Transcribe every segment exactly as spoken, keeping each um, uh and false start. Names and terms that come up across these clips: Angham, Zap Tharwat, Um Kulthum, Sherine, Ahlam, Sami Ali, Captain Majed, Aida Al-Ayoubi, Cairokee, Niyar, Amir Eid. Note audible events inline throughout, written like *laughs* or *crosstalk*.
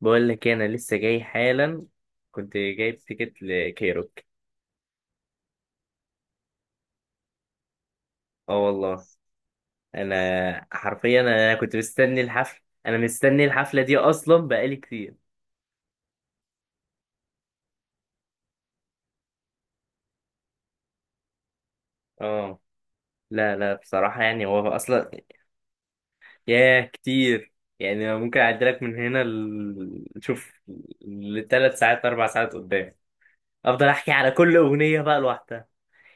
بقول لك إيه، انا لسه جاي حالا. كنت جايب تيكت لكايروك. اه والله. انا حرفيا انا كنت مستني الحفله. انا مستني الحفله دي اصلا بقالي كتير. اه. لا لا، بصراحه يعني هو اصلا. ياه كتير. يعني أنا ممكن اعدلك من هنا ل... شوف، لثلاث ساعات اربع ساعات قدام. افضل احكي على كل اغنيه بقى لوحدها.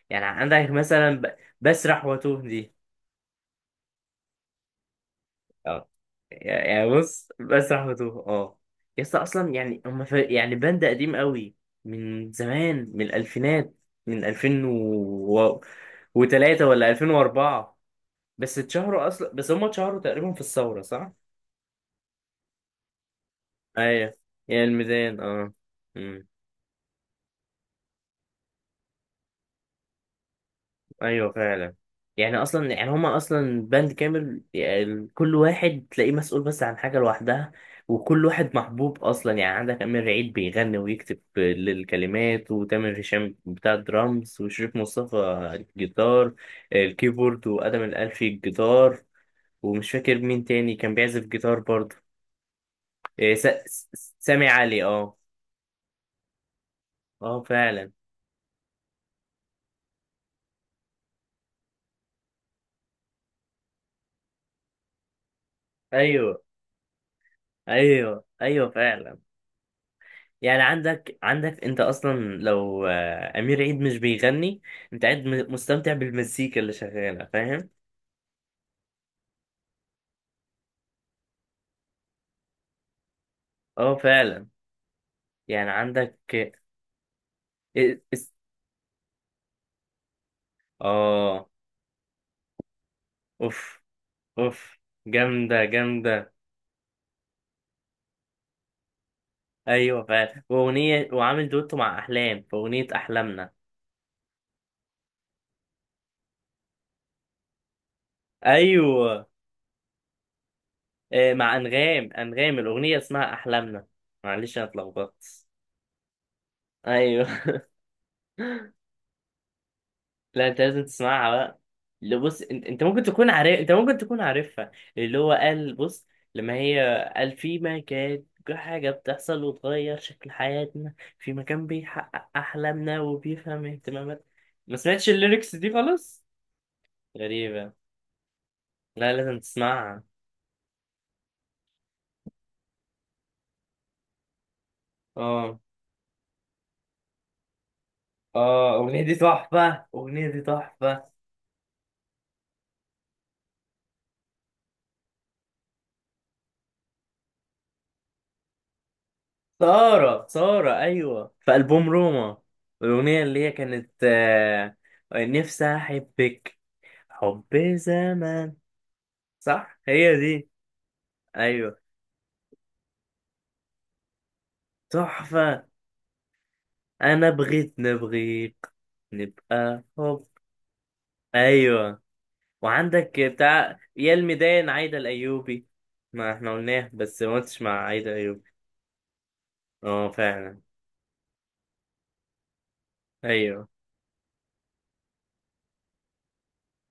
يعني عندك مثلا ب... بسرح واتوه دي. اه. يعني بص بس رحمته اه. يسطا اصلا يعني هم ف... يعني باند قديم قوي، من زمان من الالفينات، من الفين و... وتلاتة ولا ألفين واربعة. بس اتشهروا اصلا بس هم اتشهروا تقريبا في الثورة صح؟ ايوه، يا الميدان. اه. ايوه فعلا. يعني اصلا يعني هما اصلا باند كامل، يعني كل واحد تلاقيه مسؤول بس عن حاجه لوحدها. وكل واحد محبوب اصلا، يعني عندك امير عيد بيغني ويكتب للكلمات، وتامر هشام بتاع الدرامز، وشريف مصطفى الجيتار، الكيبورد، وادم الالفي الجيتار. ومش فاكر مين تاني كان بيعزف جيتار برضه. إيه، س- س- سامي علي اه. اه فعلا. ايوه ايوه ايوه فعلا. يعني عندك عندك انت اصلا لو آه، امير عيد مش بيغني، انت قاعد م- مستمتع بالمزيكا اللي شغاله فاهم. اه فعلا. يعني عندك. إيه- اس- اه. اوف اوف، جامده جامده. ايوه فعلا، واغنيه وعامل دوتو مع احلام في اغنيه احلامنا. ايوه آه، مع انغام انغام، الاغنيه اسمها احلامنا. معلش انا اتلخبطت. ايوه. لا انت لازم تسمعها بقى. اللي بص انت انت ممكن تكون عارف انت ممكن تكون عارفها. اللي هو قال بص، لما هي قال في مكان، حاجة بتحصل وتغير شكل حياتنا، في مكان بيحقق أحلامنا وبيفهم اهتماماتنا. ما سمعتش الليركس دي خالص. غريبة، لا لازم تسمعها. اه. اه الأغنية دي تحفة، الأغنية دي تحفة. سارة سارة، أيوة في ألبوم روما. الأغنية اللي هي كانت آه، نفسي أحبك، حب زمان. صح هي دي. ايوه تحفة. انا بغيت نبغيك، نبقى حب. ايوه. وعندك بتاع يا الميدان، عايدة الايوبي. ما احنا قلناه بس ما قلتش مع عايدة الايوبي. اه فعلا. ايوه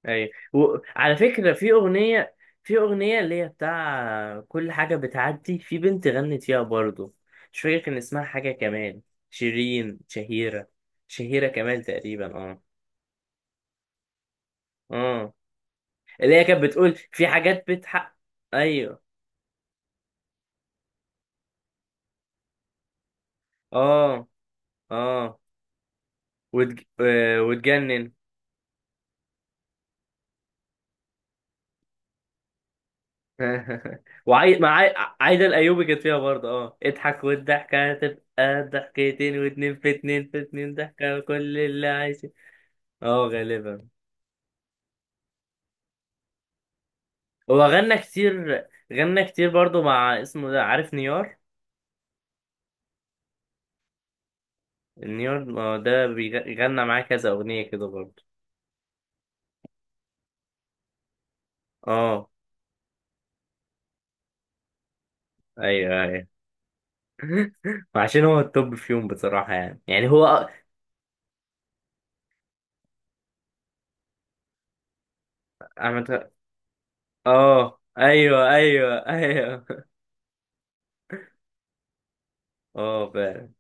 ايوه، وعلى فكرة في اغنية. في اغنية اللي هي بتاع كل حاجة بتعدي في بنت غنت فيها برضو. مش فاكر كان اسمها حاجة كمان. شيرين، شهيرة. شهيرة كمال تقريبا اه. اه. اللي هي كانت بتقول في حاجات بتحق. ايوه. اه اه وتج... آه، وتجنن. *laughs* وعاي... مع عاي... عايدة الأيوبي كانت فيها برضه اه اضحك والضحكة هتبقى ضحكتين، واتنين في اتنين في اتنين ضحكة، كل اللي عايزه. اه غالبا. هو غنى كتير. غنى كتير برضه مع اسمه ده، عارف نيار. نيار، ما هو ده بيغنى معاه كذا أغنية كده برضه. اه. ايوه ايوه. *laughs* وعشان هو التوب فيهم بصراحة، يعني يعني هو أحمد. اه ايوه ايوه ايوه. اه فعلا.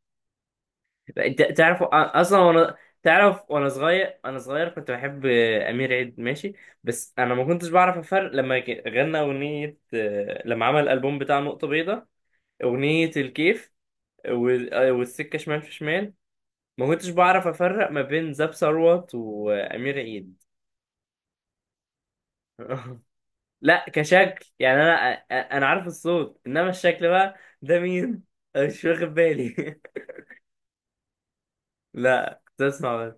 لا، انت تعرف اصلا وانا. تعرف وانا صغير انا صغير كنت بحب امير عيد ماشي. بس انا ما كنتش بعرف افرق لما ك- غنى اغنيه، لما عمل الالبوم بتاع نقطه بيضاء، اغنيه الكيف وال- والسكه شمال في شمال. ما كنتش بعرف افرق ما بين زاب ثروت وامير عيد. *laughs* لا كشكل يعني انا، انا عارف الصوت انما الشكل بقى، ده مين. أنا مش واخد بالي. لا كنت اسمع بس.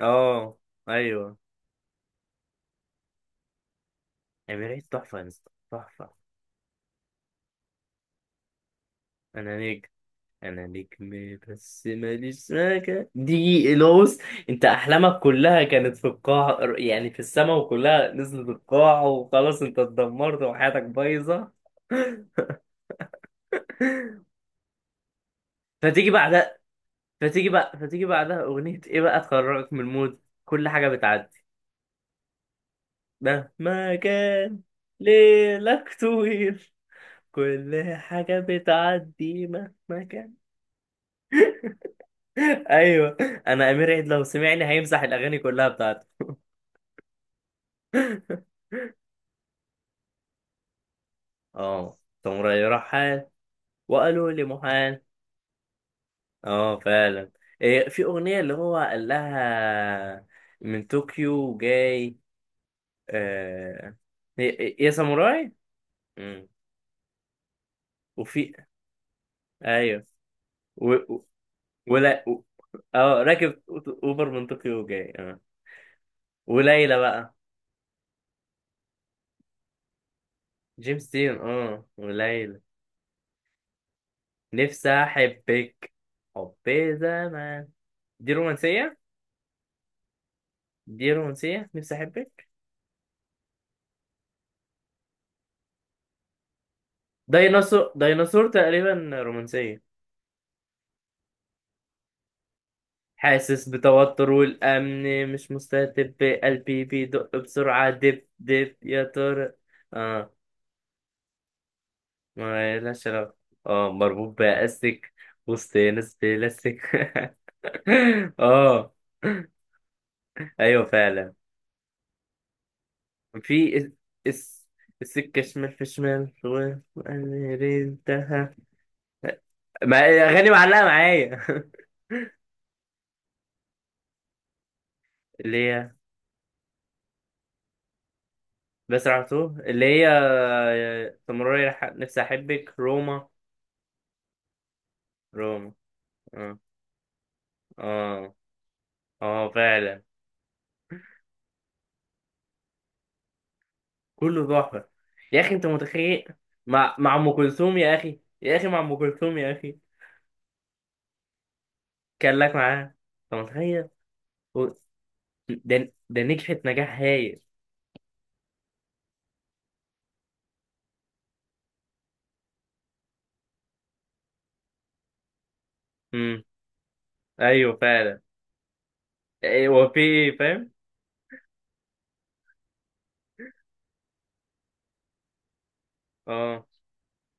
اه ايوه. امير عيد تحفه يا اسطى، تحفه. انا نجم. انا نجم بس ماليش سكه دي لوس. انت احلامك كلها كانت في القاع، يعني في السما وكلها نزلت القاع وخلاص، انت اتدمرت وحياتك بايظه. *laughs* فتيجي بعدها. فتيجي بقى فتيجي بعدها اغنيه ايه بقى تخرجك من المود، كل حاجه بتعدي مهما كان. ليلك طويل. كل حاجة بتعدي مهما كان. *laughs* أيوه. أنا أمير عيد لو سمعني هيمسح الأغاني كلها بتاعته. اه تمري رحال، وقالوا لي محال. اه فعلا. إيه، في أغنية اللي هو قال لها، من طوكيو جاي. آه، يا يا ساموراي. مم. وفي، أيوه. و... و- ولا و... اه راكب أوبر من طوكيو جاي اه. وليلى بقى. جيمس دين اه، وليلى. نفسي احبك، حب زمان. دي رومانسية. دي رومانسية، نفسي احبك. ديناصور، ديناصور تقريبا رومانسية. حاسس بتوتر والامن مش مستتب، قلبي بيدق بسرعة دب دب يا ترى. اه. ما لهاش علاقة. اه مربوط بأستك، وسط ناس بلاستيك. *laughs* اه. ايوه فعلا. في اس اس- السكة شمال في شمال، وقلبي انتهى. ما اغاني معلقه معايا. *laughs* اللي هي، بس عطوه اللي هي، تمرري، نفسي احبك، روما. روما. اه اه اه فعلا. كله تحفه يا اخي، انت متخيل. مع مع ام كلثوم، يا اخي، يا اخي، مع ام كلثوم يا اخي. كان لك معاها. انت متخيل. و- ده ده نجحت نجاح هايل. امم. ايوه فعلا. إيه، هو في إيه، فاهم. اه.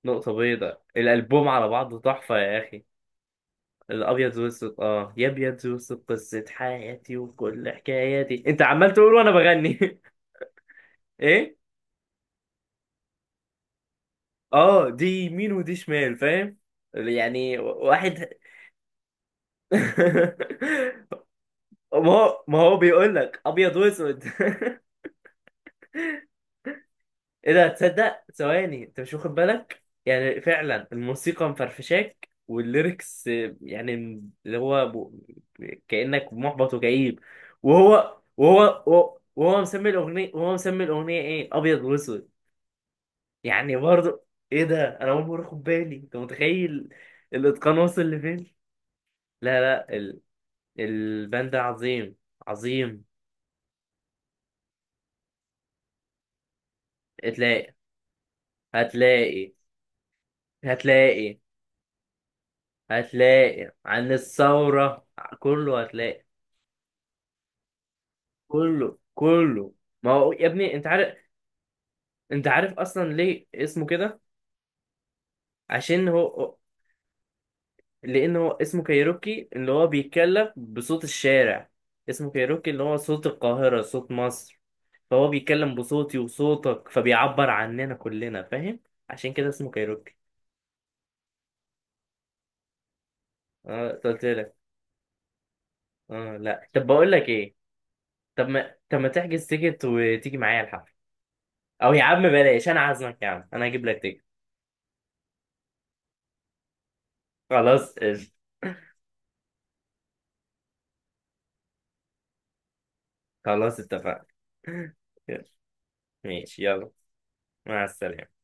نقطه بيضاء، الالبوم على بعضه تحفه يا اخي. الابيض واسود. اه يا ابيض واسود قصه حياتي وكل حكاياتي، انت عمال تقول وانا بغني. *laughs* ايه. اه دي يمين ودي شمال فاهم، يعني واحد. *laughs* ما هو ما هو بيقول لك ابيض واسود. *laughs* ايه ده، تصدق ثواني انت مش واخد بالك، يعني فعلا الموسيقى مفرفشاك والليركس آه، يعني، اللي هو ب... كأنك محبط وكئيب. وهو وهو وهو وهو مسمي الاغنيه وهو مسمي الاغنيه ايه، ابيض واسود. يعني برضه. ايه ده، انا اول مره اخد بالي، انت متخيل. الاتقان وصل لفين. لا لا ال... الباند ده عظيم، عظيم. هتلاقي، هتلاقي، هتلاقي، هتلاقي عن الثورة. كله هتلاقي. كله كله. ما هو يا ابني، انت عارف. انت عارف اصلا ليه اسمه كده. عشان هو، لان هو اسمه كايروكي اللي هو بيتكلم بصوت الشارع. اسمه كايروكي اللي هو صوت القاهرة، صوت مصر. فهو بيتكلم بصوتي وصوتك، فبيعبر عننا كلنا فاهم. عشان كده اسمه كايروكي. اه قلت لك. اه لا، طب بقول لك ايه. طب ما طب ما تحجز تيكت وتيجي معايا الحفل. او يا عم بلاش، انا عازمك يا عم، انا هجيب لك تيكت. خلاص قشطة. خلاص اتفقنا. *laughs* يلا. ماشي يلا. مع السلامة.